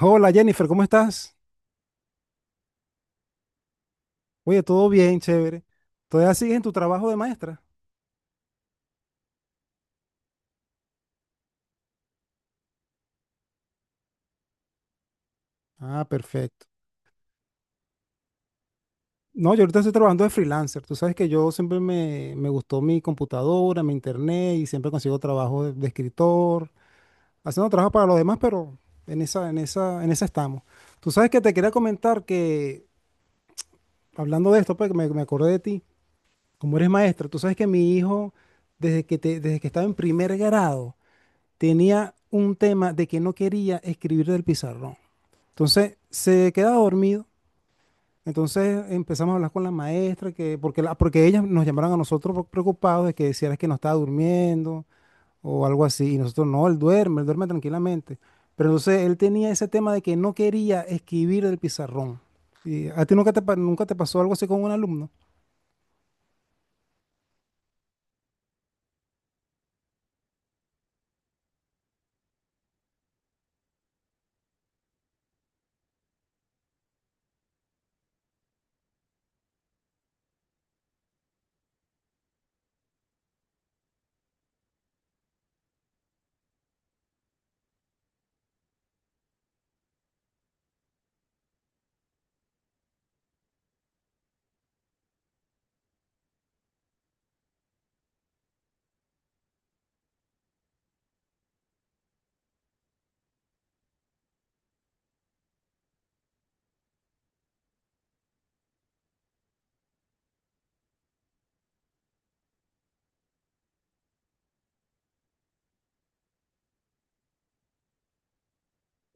Hola Jennifer, ¿cómo estás? Oye, todo bien, chévere. ¿Todavía sigues en tu trabajo de maestra? Ah, perfecto. No, yo ahorita estoy trabajando de freelancer. Tú sabes que yo siempre me gustó mi computadora, mi internet y siempre consigo trabajo de escritor, haciendo trabajo para los demás, pero en esa estamos. Tú sabes que te quería comentar que, hablando de esto, pues me acordé de ti, como eres maestra. Tú sabes que mi hijo, desde que estaba en primer grado, tenía un tema de que no quería escribir del pizarrón. Entonces se quedaba dormido. Entonces empezamos a hablar con la maestra, porque ellas nos llamaron a nosotros preocupados de que decían que no estaba durmiendo o algo así. Y nosotros, no, él duerme tranquilamente. Pero entonces él tenía ese tema de que no quería escribir del pizarrón. ¿Y a ti nunca te pasó algo así con un alumno?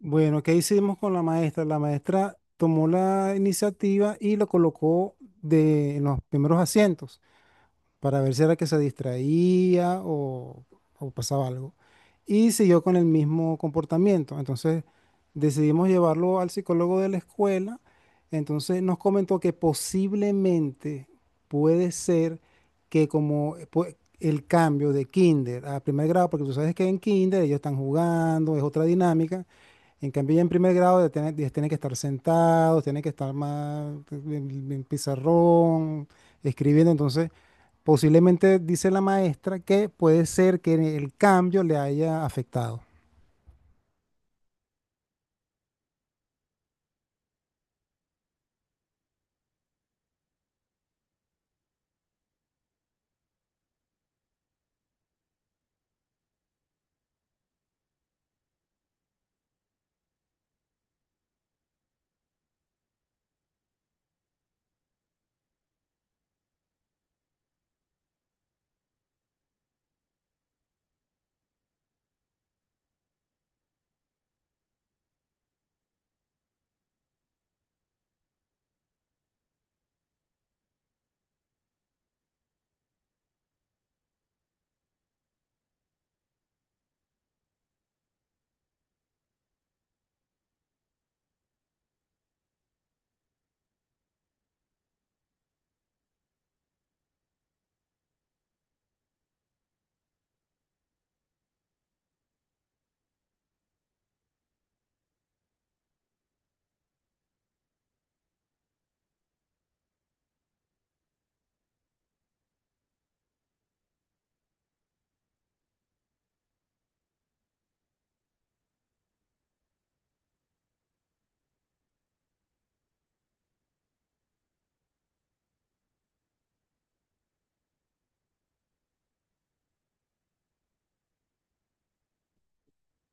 Bueno, ¿qué hicimos con la maestra? La maestra tomó la iniciativa y lo colocó en los primeros asientos, para ver si era que se distraía o pasaba algo. Y siguió con el mismo comportamiento. Entonces decidimos llevarlo al psicólogo de la escuela. Entonces nos comentó que posiblemente puede ser que como el cambio de kinder a primer grado, porque tú sabes que en kinder ellos están jugando, es otra dinámica. En cambio, ya en primer grado ya tienen, que estar sentados, tienen que estar más en pizarrón, escribiendo. Entonces, posiblemente dice la maestra que puede ser que el cambio le haya afectado.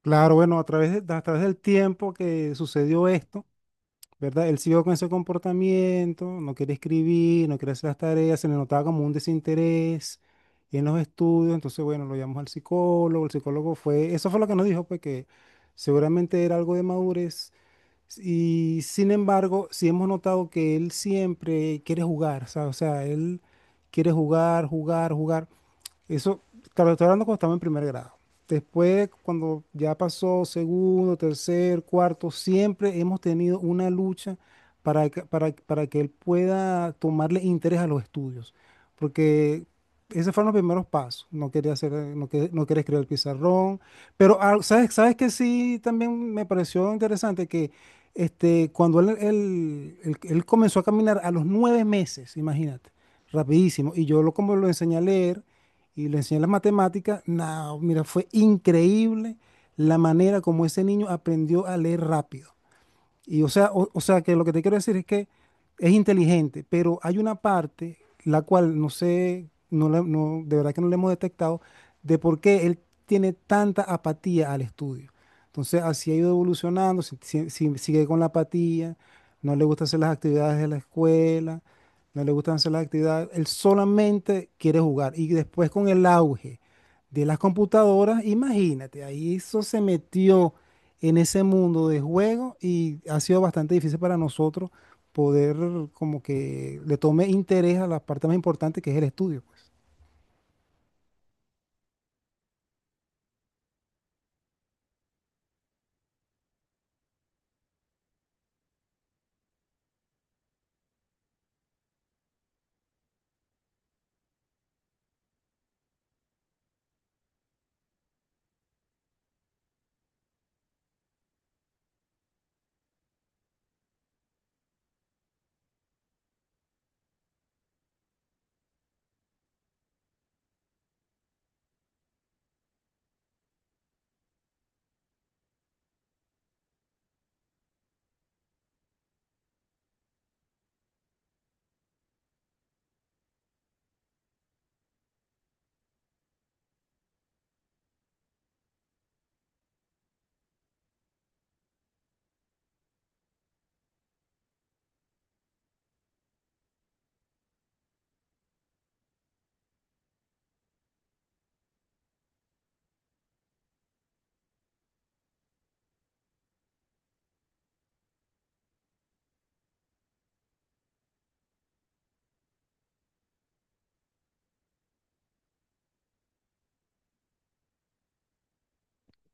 Claro, bueno, a través del tiempo que sucedió esto, ¿verdad? Él siguió con ese comportamiento, no quería escribir, no quería hacer las tareas, se le notaba como un desinterés en los estudios. Entonces, bueno, lo llamamos al psicólogo, el psicólogo fue, eso fue lo que nos dijo, pues que seguramente era algo de madurez. Y sin embargo, sí hemos notado que él siempre quiere jugar, ¿sabes? O sea, él quiere jugar, jugar, jugar. Eso, claro, estoy hablando cuando estaba en primer grado. Después, cuando ya pasó segundo, tercer, cuarto, siempre hemos tenido una lucha para que él pueda tomarle interés a los estudios. Porque esos fueron los primeros pasos. No quería hacer, no, no quería escribir el pizarrón. Pero, ah, ¿sabes que sí también me pareció interesante que este, cuando él comenzó a caminar a los 9 meses? Imagínate, rapidísimo. Y yo como lo enseñé a leer y le enseñé las matemáticas. No, mira, fue increíble la manera como ese niño aprendió a leer rápido. Y o sea que lo que te quiero decir es que es inteligente, pero hay una parte la cual no sé, de verdad que no le hemos detectado de por qué él tiene tanta apatía al estudio. Entonces, así ha ido evolucionando, sigue con la apatía, no le gusta hacer las actividades de la escuela, no le gustan hacer las actividades, él solamente quiere jugar. Y después con el auge de las computadoras, imagínate, ahí eso se metió en ese mundo de juego y ha sido bastante difícil para nosotros poder como que le tome interés a la parte más importante que es el estudio, pues.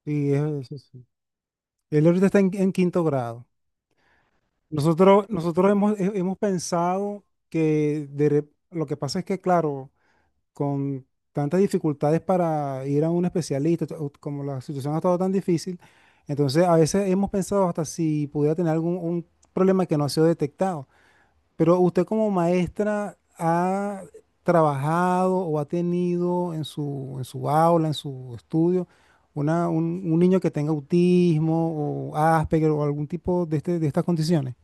Y es- sí. Él ahorita está en quinto grado. Nosotros hemos pensado que lo que pasa es que, claro, con tantas dificultades para ir a un especialista, o como la situación ha estado tan difícil, entonces a veces hemos pensado hasta si pudiera tener algún un problema que no ha sido detectado. Pero usted como maestra ha trabajado o ha tenido en su aula, en su estudio, un niño que tenga autismo o Asperger o algún tipo de estas condiciones.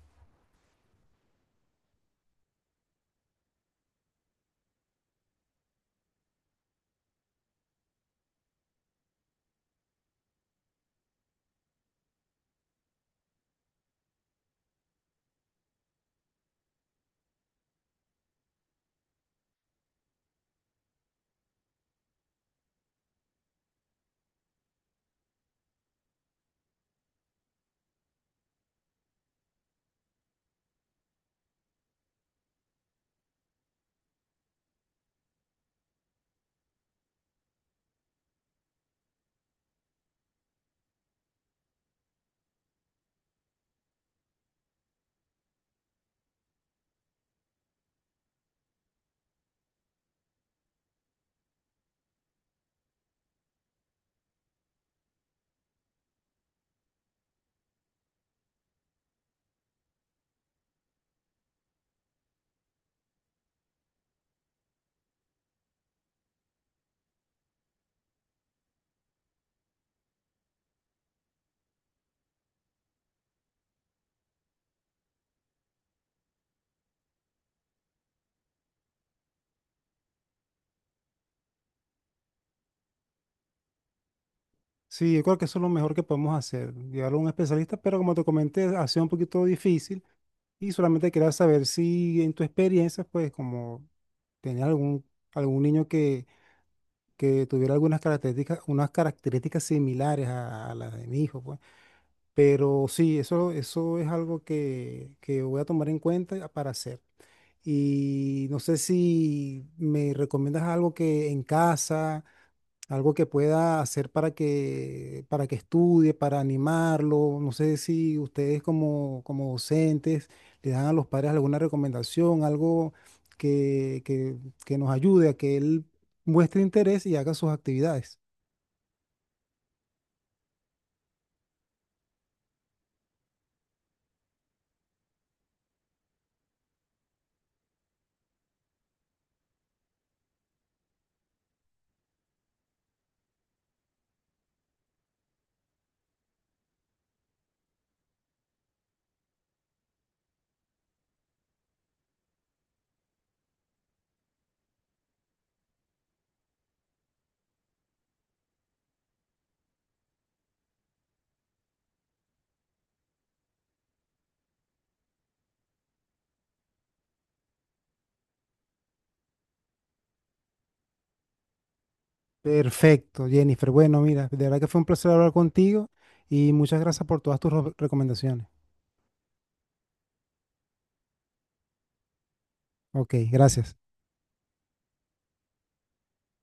Sí, yo creo que eso es lo mejor que podemos hacer, llevarlo a un especialista, pero como te comenté, ha sido un poquito difícil y solamente quería saber si en tu experiencia, pues como tenías algún, algún niño que tuviera algunas características, unas características similares a las de mi hijo, pues. Pero sí, eso es algo que voy a tomar en cuenta para hacer. Y no sé si me recomiendas algo que en casa, algo que pueda hacer para que estudie, para animarlo. No sé si ustedes como docentes le dan a los padres alguna recomendación, algo que, que, que nos ayude a que él muestre interés y haga sus actividades. Perfecto, Jennifer. Bueno, mira, de verdad que fue un placer hablar contigo y muchas gracias por todas tus recomendaciones. Ok, gracias.